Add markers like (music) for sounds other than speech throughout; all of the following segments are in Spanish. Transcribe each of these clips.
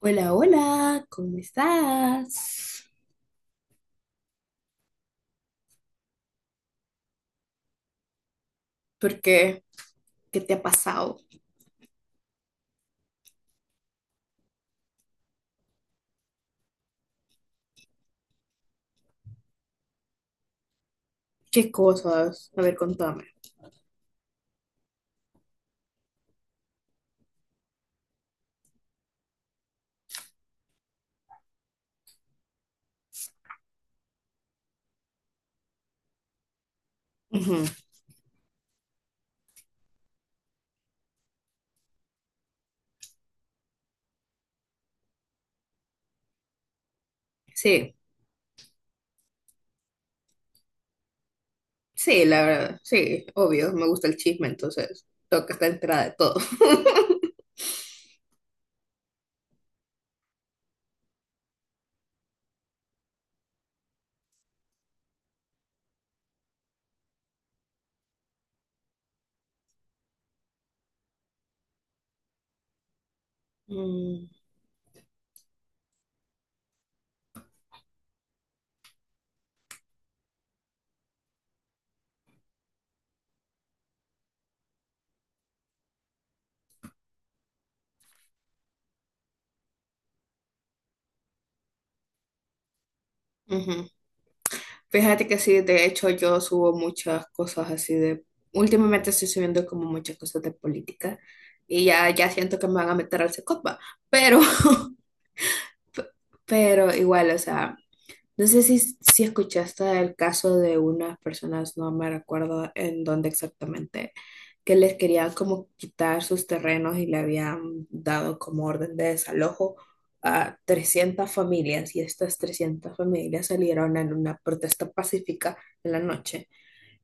Hola, hola, ¿cómo estás? ¿Por qué? ¿Qué te ha pasado? ¿Qué cosas? A ver, contame. Ujú. Sí, sí, la verdad, sí, obvio, me gusta el chisme, entonces tengo que estar enterada de todo. (laughs) Mm, ujú. Fíjate que sí, de hecho yo subo muchas cosas así. De... Últimamente estoy subiendo como muchas cosas de política y ya siento que me van a meter al secopa, pero... (laughs) Pero igual, o sea... No sé si escuchaste el caso de unas personas, no me recuerdo en dónde exactamente, que les querían como quitar sus terrenos y le habían dado como orden de desalojo a 300 familias, y estas 300 familias salieron en una protesta pacífica en la noche.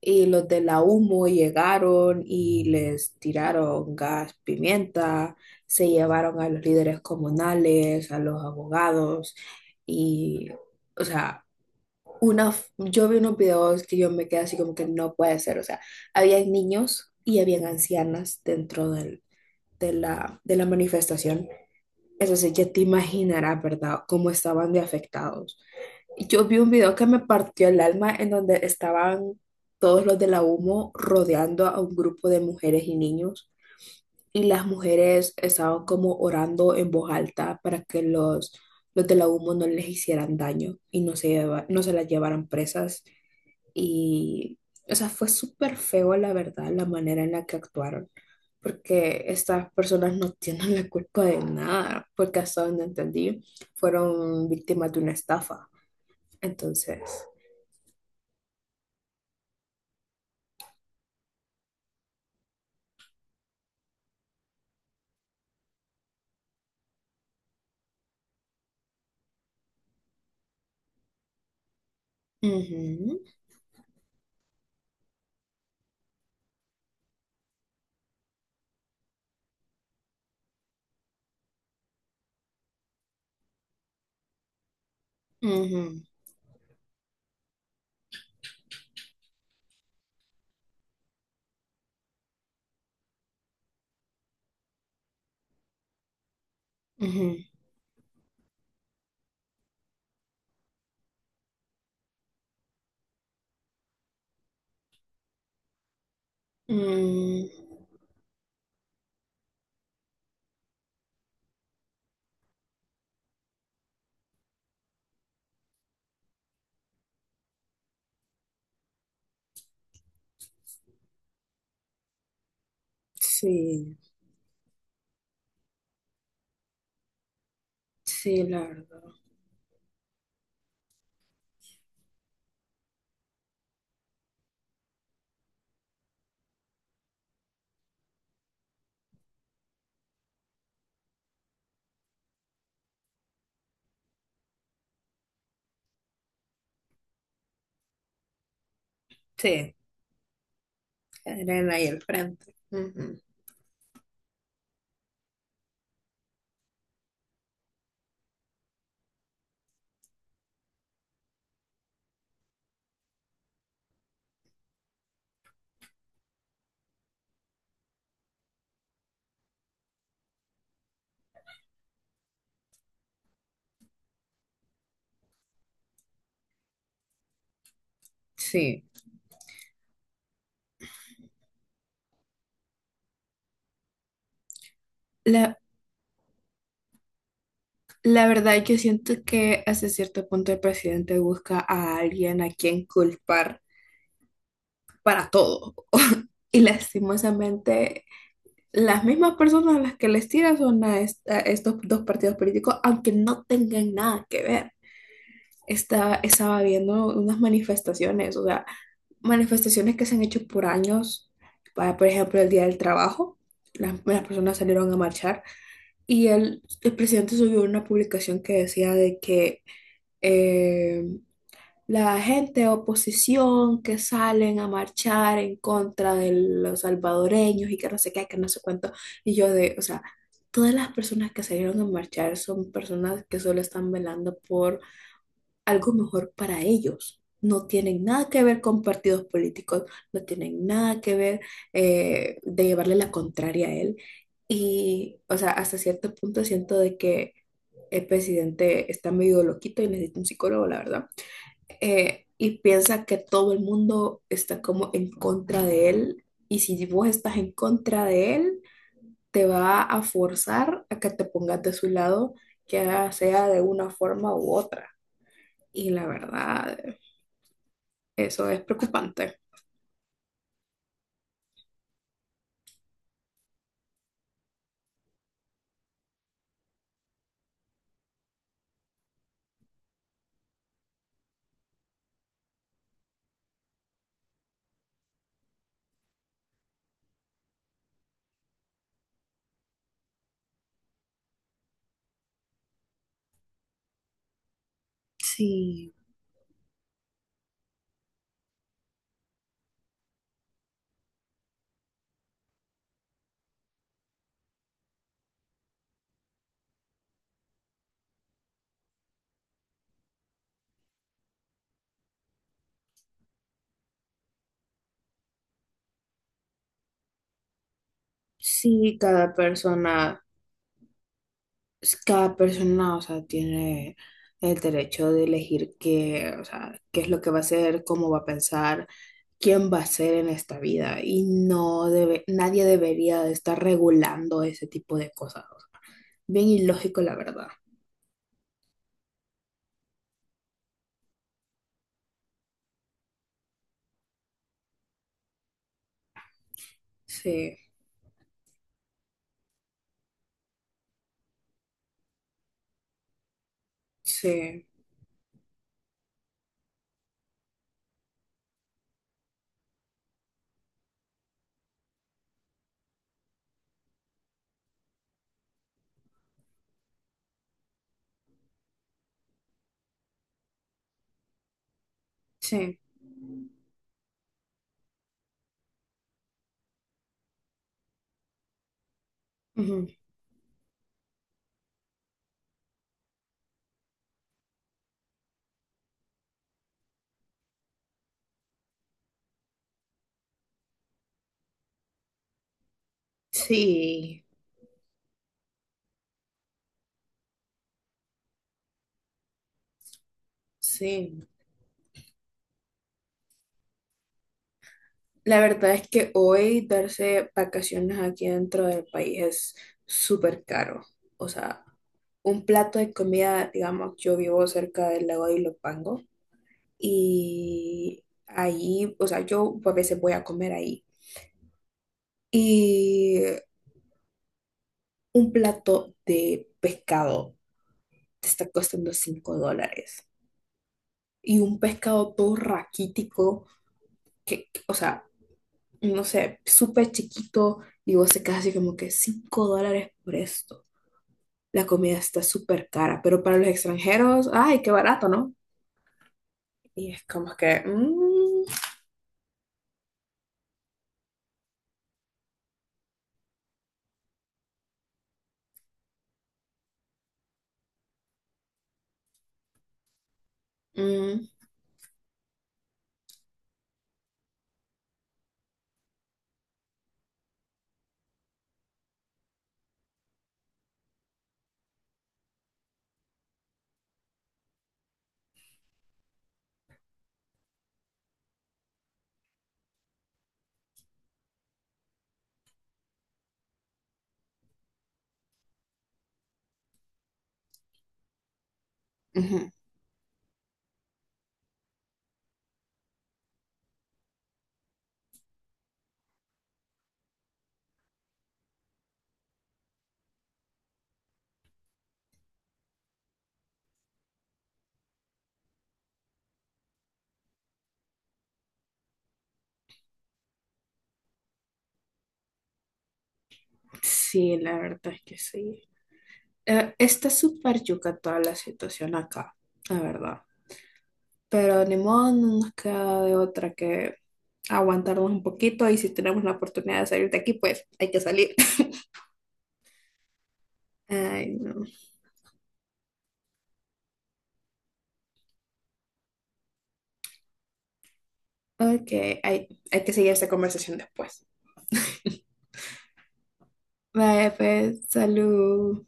Y los de la humo llegaron y les tiraron gas, pimienta, se llevaron a los líderes comunales, a los abogados y, o sea, yo vi unos videos que yo me quedé así como que no puede ser, o sea, había niños y habían ancianas dentro de de la manifestación. Entonces ya te imaginarás, ¿verdad?, cómo estaban de afectados. Yo vi un video que me partió el alma en donde estaban todos los de la humo rodeando a un grupo de mujeres y niños, y las mujeres estaban como orando en voz alta para que los de la humo no les hicieran daño y no se, no se las llevaran presas y, o sea, fue súper feo, la verdad, la manera en la que actuaron, porque estas personas no tienen la culpa de nada, porque hasta donde entendí, fueron víctimas de una estafa. Entonces, ujú, ujú, ujú, mm, sí, sí, la verdad. Sí, eran ahí al frente. Ujú, sí. La, la verdad, yo siento que hasta cierto punto el presidente busca a alguien a quien culpar para todo. Y lastimosamente, las mismas personas a las que les tiran son a estos dos partidos políticos, aunque no tengan nada que ver. Estaba viendo unas manifestaciones, o sea, manifestaciones que se han hecho por años, para, por ejemplo, el Día del Trabajo. Las personas salieron a marchar y el presidente subió una publicación que decía de que eh, la gente de oposición que salen a marchar en contra de los salvadoreños y que no sé qué, que no sé cuánto. Y yo de, o sea, todas las personas que salieron a marchar son personas que solo están velando por algo mejor para ellos. No tienen nada que ver con partidos políticos, no tienen nada que ver de llevarle la contraria a él. Y, o sea, hasta cierto punto siento de que el presidente está medio loquito y necesita un psicólogo, la verdad y piensa que todo el mundo está como en contra de él. Y si vos estás en contra de él, te va a forzar a que te pongas de su lado, ya sea de una forma u otra. Y la verdad, eso es preocupante. Sí, sí, cada persona. Es- cada persona, o sea, tiene el derecho de elegir qué, o sea, qué es lo que va a hacer, cómo va a pensar, quién va a ser en esta vida y no debe, nadie debería de estar regulando ese tipo de cosas. Bien ilógico, la verdad. Sí, sí, sí. Ujú. Sí, sí. La verdad es que hoy darse vacaciones aquí dentro del país es súper caro. O sea, un plato de comida, digamos, yo vivo cerca del lago de Ilopango y ahí, o sea, yo a veces voy a comer ahí. Y un plato de pescado te está costando $5. Y un pescado todo raquítico, o sea, no sé, súper chiquito, y vos te quedas así como que $5 por esto. La comida está súper cara, pero para los extranjeros, ay, qué barato, ¿no? Y es como que... mm, mm. Ujú. Sí, la verdad es que sí. Está súper yuca toda la situación acá, la verdad. Pero ni modo, no nos queda de otra que aguantarnos un poquito y si tenemos la oportunidad de salir de aquí, pues hay que salir. (laughs) Ay, no. Ok, hay que seguir esta conversación después. (laughs) Vale, pues, salud.